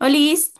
Olis,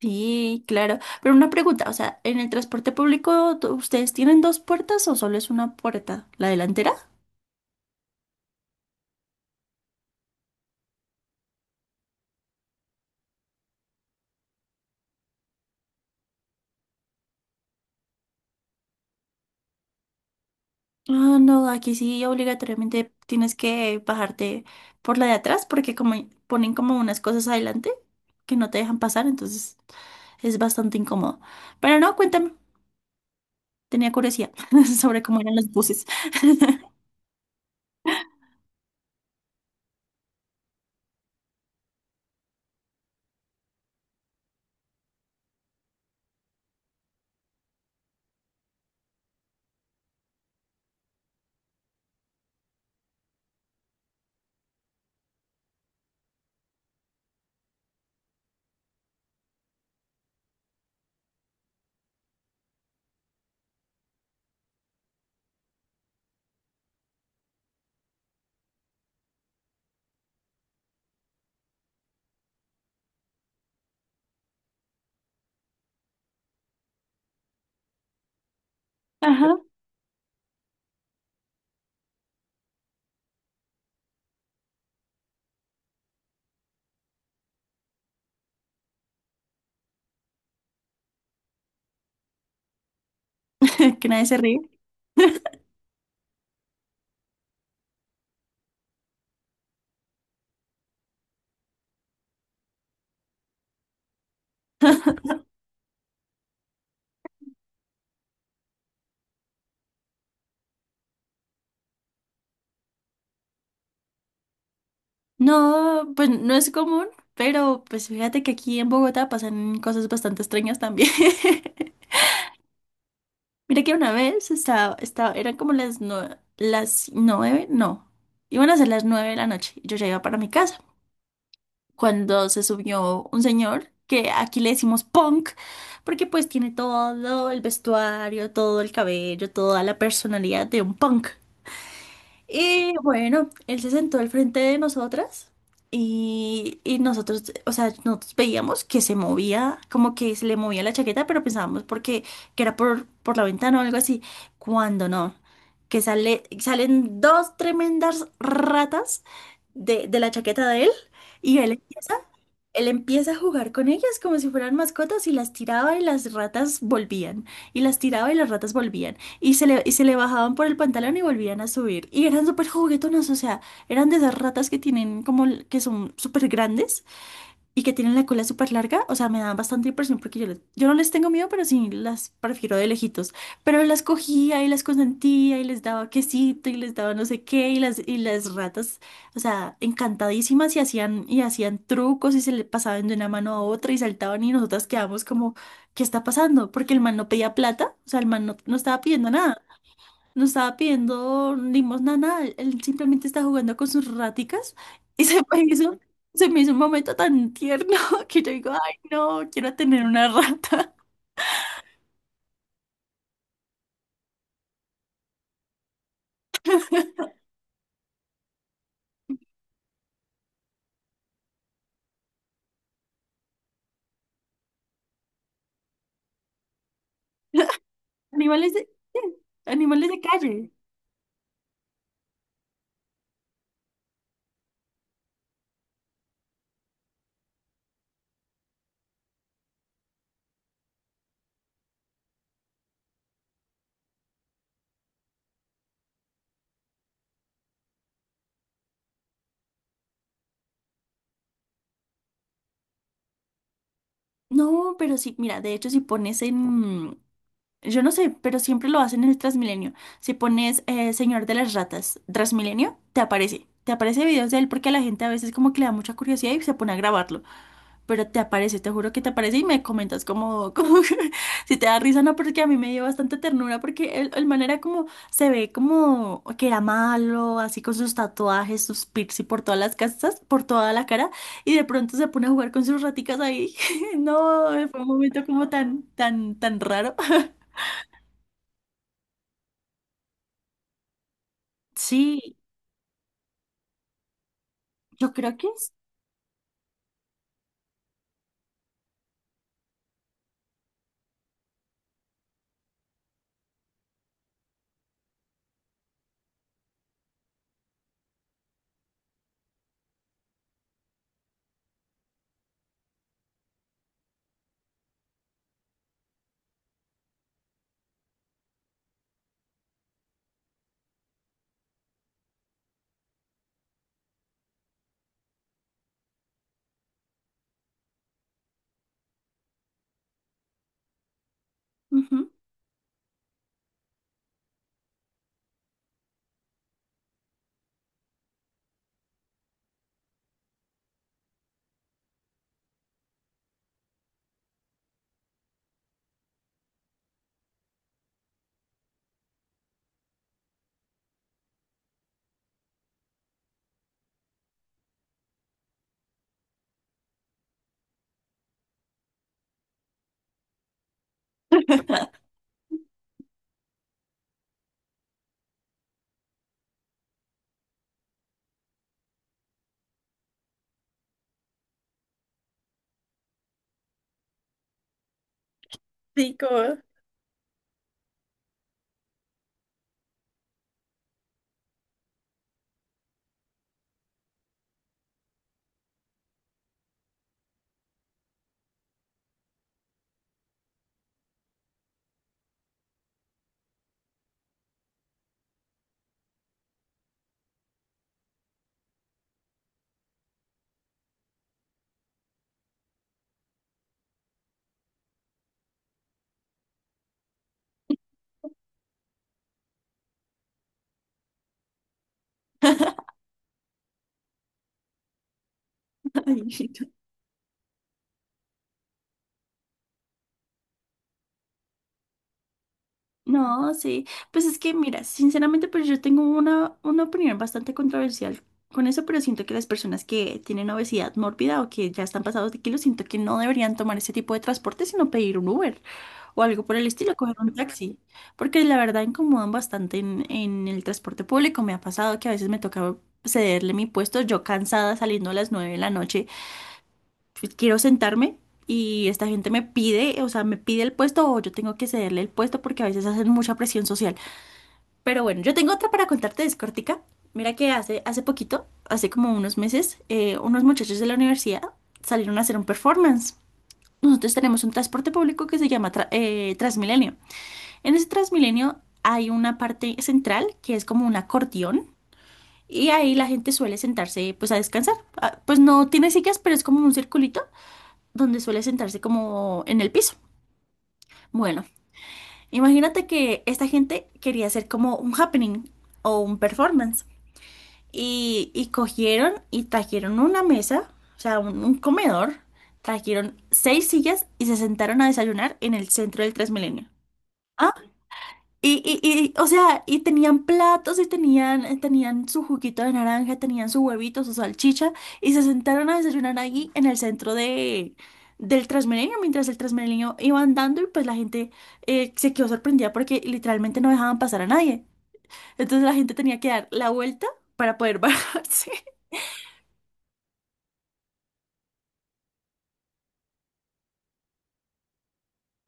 sí, claro. Pero una pregunta, o sea, ¿en el transporte público ustedes tienen dos puertas o solo es una puerta? ¿La delantera? Ah, no, aquí sí obligatoriamente tienes que bajarte por la de atrás porque como ponen como unas cosas adelante que no te dejan pasar, entonces es bastante incómodo. Pero no, cuéntame, tenía curiosidad sobre cómo eran los buses. Ajá, que nadie se ríe. No, pues no es común, pero pues fíjate que aquí en Bogotá pasan cosas bastante extrañas también. Mira que una vez estaba, eran como las nueve, no, iban a ser las 9 de la noche y yo ya iba para mi casa. Cuando se subió un señor que aquí le decimos punk, porque pues tiene todo el vestuario, todo el cabello, toda la personalidad de un punk. Y bueno, él se sentó al frente de nosotras y nosotros, o sea, nosotros veíamos que se movía, como que se le movía la chaqueta, pero pensábamos porque que era por la ventana o algo así. Cuando no, que salen dos tremendas ratas de la chaqueta de él y él empieza a jugar con ellas como si fueran mascotas y las tiraba y las ratas volvían. Y las tiraba y las ratas volvían. Y se le bajaban por el pantalón y volvían a subir. Y eran súper juguetonas, o sea, eran de esas ratas que tienen como, que son súper grandes y que tienen la cola súper larga, o sea, me dan bastante impresión porque yo no les tengo miedo, pero sí las prefiero de lejitos. Pero las cogía y las consentía y les daba quesito y les daba no sé qué y las ratas, o sea, encantadísimas y y hacían trucos y se le pasaban de una mano a otra y saltaban y nosotras quedamos como, ¿qué está pasando? Porque el man no pedía plata, o sea, el man no, no estaba pidiendo nada. No estaba pidiendo limosna, nada. Él simplemente está jugando con sus raticas y se me hizo un momento tan tierno que yo digo, ay, no, quiero tener una rata. Animales de, sí, animales de calle. No, pero sí, mira, de hecho si pones en... Yo no sé, pero siempre lo hacen en el Transmilenio. Si pones Señor de las Ratas, Transmilenio, te aparece. Te aparece videos de él porque a la gente a veces como que le da mucha curiosidad y se pone a grabarlo. Pero te juro que te aparece y me comentas como, como si te da risa, no, porque a mí me dio bastante ternura porque el man era como, se ve como que era malo, así con sus tatuajes, sus piercing por todas las casas, por toda la cara, y de pronto se pone a jugar con sus raticas ahí. No, fue un momento como tan, tan, tan raro. Sí, yo creo que es. Ujú. Sí, como... ay, no, sí. Pues es que, mira, sinceramente, pues yo tengo una opinión bastante controversial con eso, pero siento que las personas que tienen obesidad mórbida o que ya están pasados de kilos, siento que no deberían tomar ese tipo de transporte, sino pedir un Uber o algo por el estilo, coger un taxi, porque la verdad incomodan bastante en el transporte público. Me ha pasado que a veces me toca cederle mi puesto, yo cansada saliendo a las 9 de la noche, pues, quiero sentarme y esta gente me pide, o sea, me pide el puesto o yo tengo que cederle el puesto porque a veces hacen mucha presión social. Pero bueno, yo tengo otra para contarte, es cortica. Mira que hace poquito, hace como unos meses, unos muchachos de la universidad salieron a hacer un performance. Nosotros tenemos un transporte público que se llama Transmilenio. En ese Transmilenio hay una parte central que es como un acordeón y ahí la gente suele sentarse pues a descansar. Ah, pues no tiene sillas, pero es como un circulito donde suele sentarse como en el piso. Bueno, imagínate que esta gente quería hacer como un happening o un performance y cogieron y trajeron una mesa, o sea, un comedor, trajeron seis sillas y se sentaron a desayunar en el centro del Transmilenio. O sea, y tenían platos y tenían su juguito de naranja, tenían su huevito, su salchicha, y se sentaron a desayunar allí en el centro del Transmilenio, mientras el Transmilenio iba andando y pues la gente se quedó sorprendida porque literalmente no dejaban pasar a nadie. Entonces la gente tenía que dar la vuelta para poder bajarse.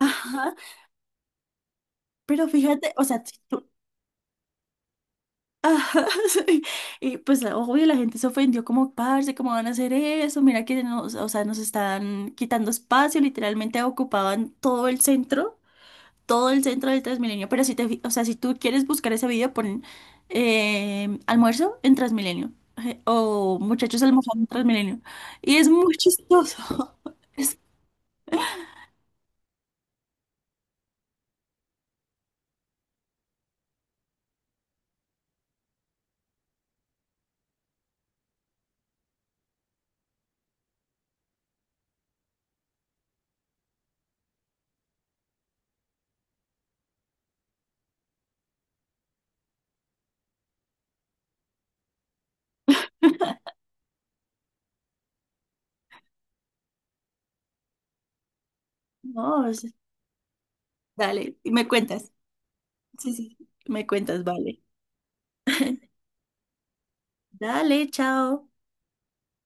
Ajá. Pero fíjate, o sea, si tú- Ajá, sí. Y pues obvio la gente se ofendió como, parce, ¿cómo van a hacer eso? Mira que nos, o sea, nos están quitando espacio, literalmente ocupaban todo el centro del Transmilenio. Pero si te, fi- o sea, si tú quieres buscar ese video, pon almuerzo en Transmilenio, o muchachos almorzando en Transmilenio. Y es muy chistoso. Es- no, es- Dale, y me cuentas. Sí, sí, me cuentas, vale. Dale, chao.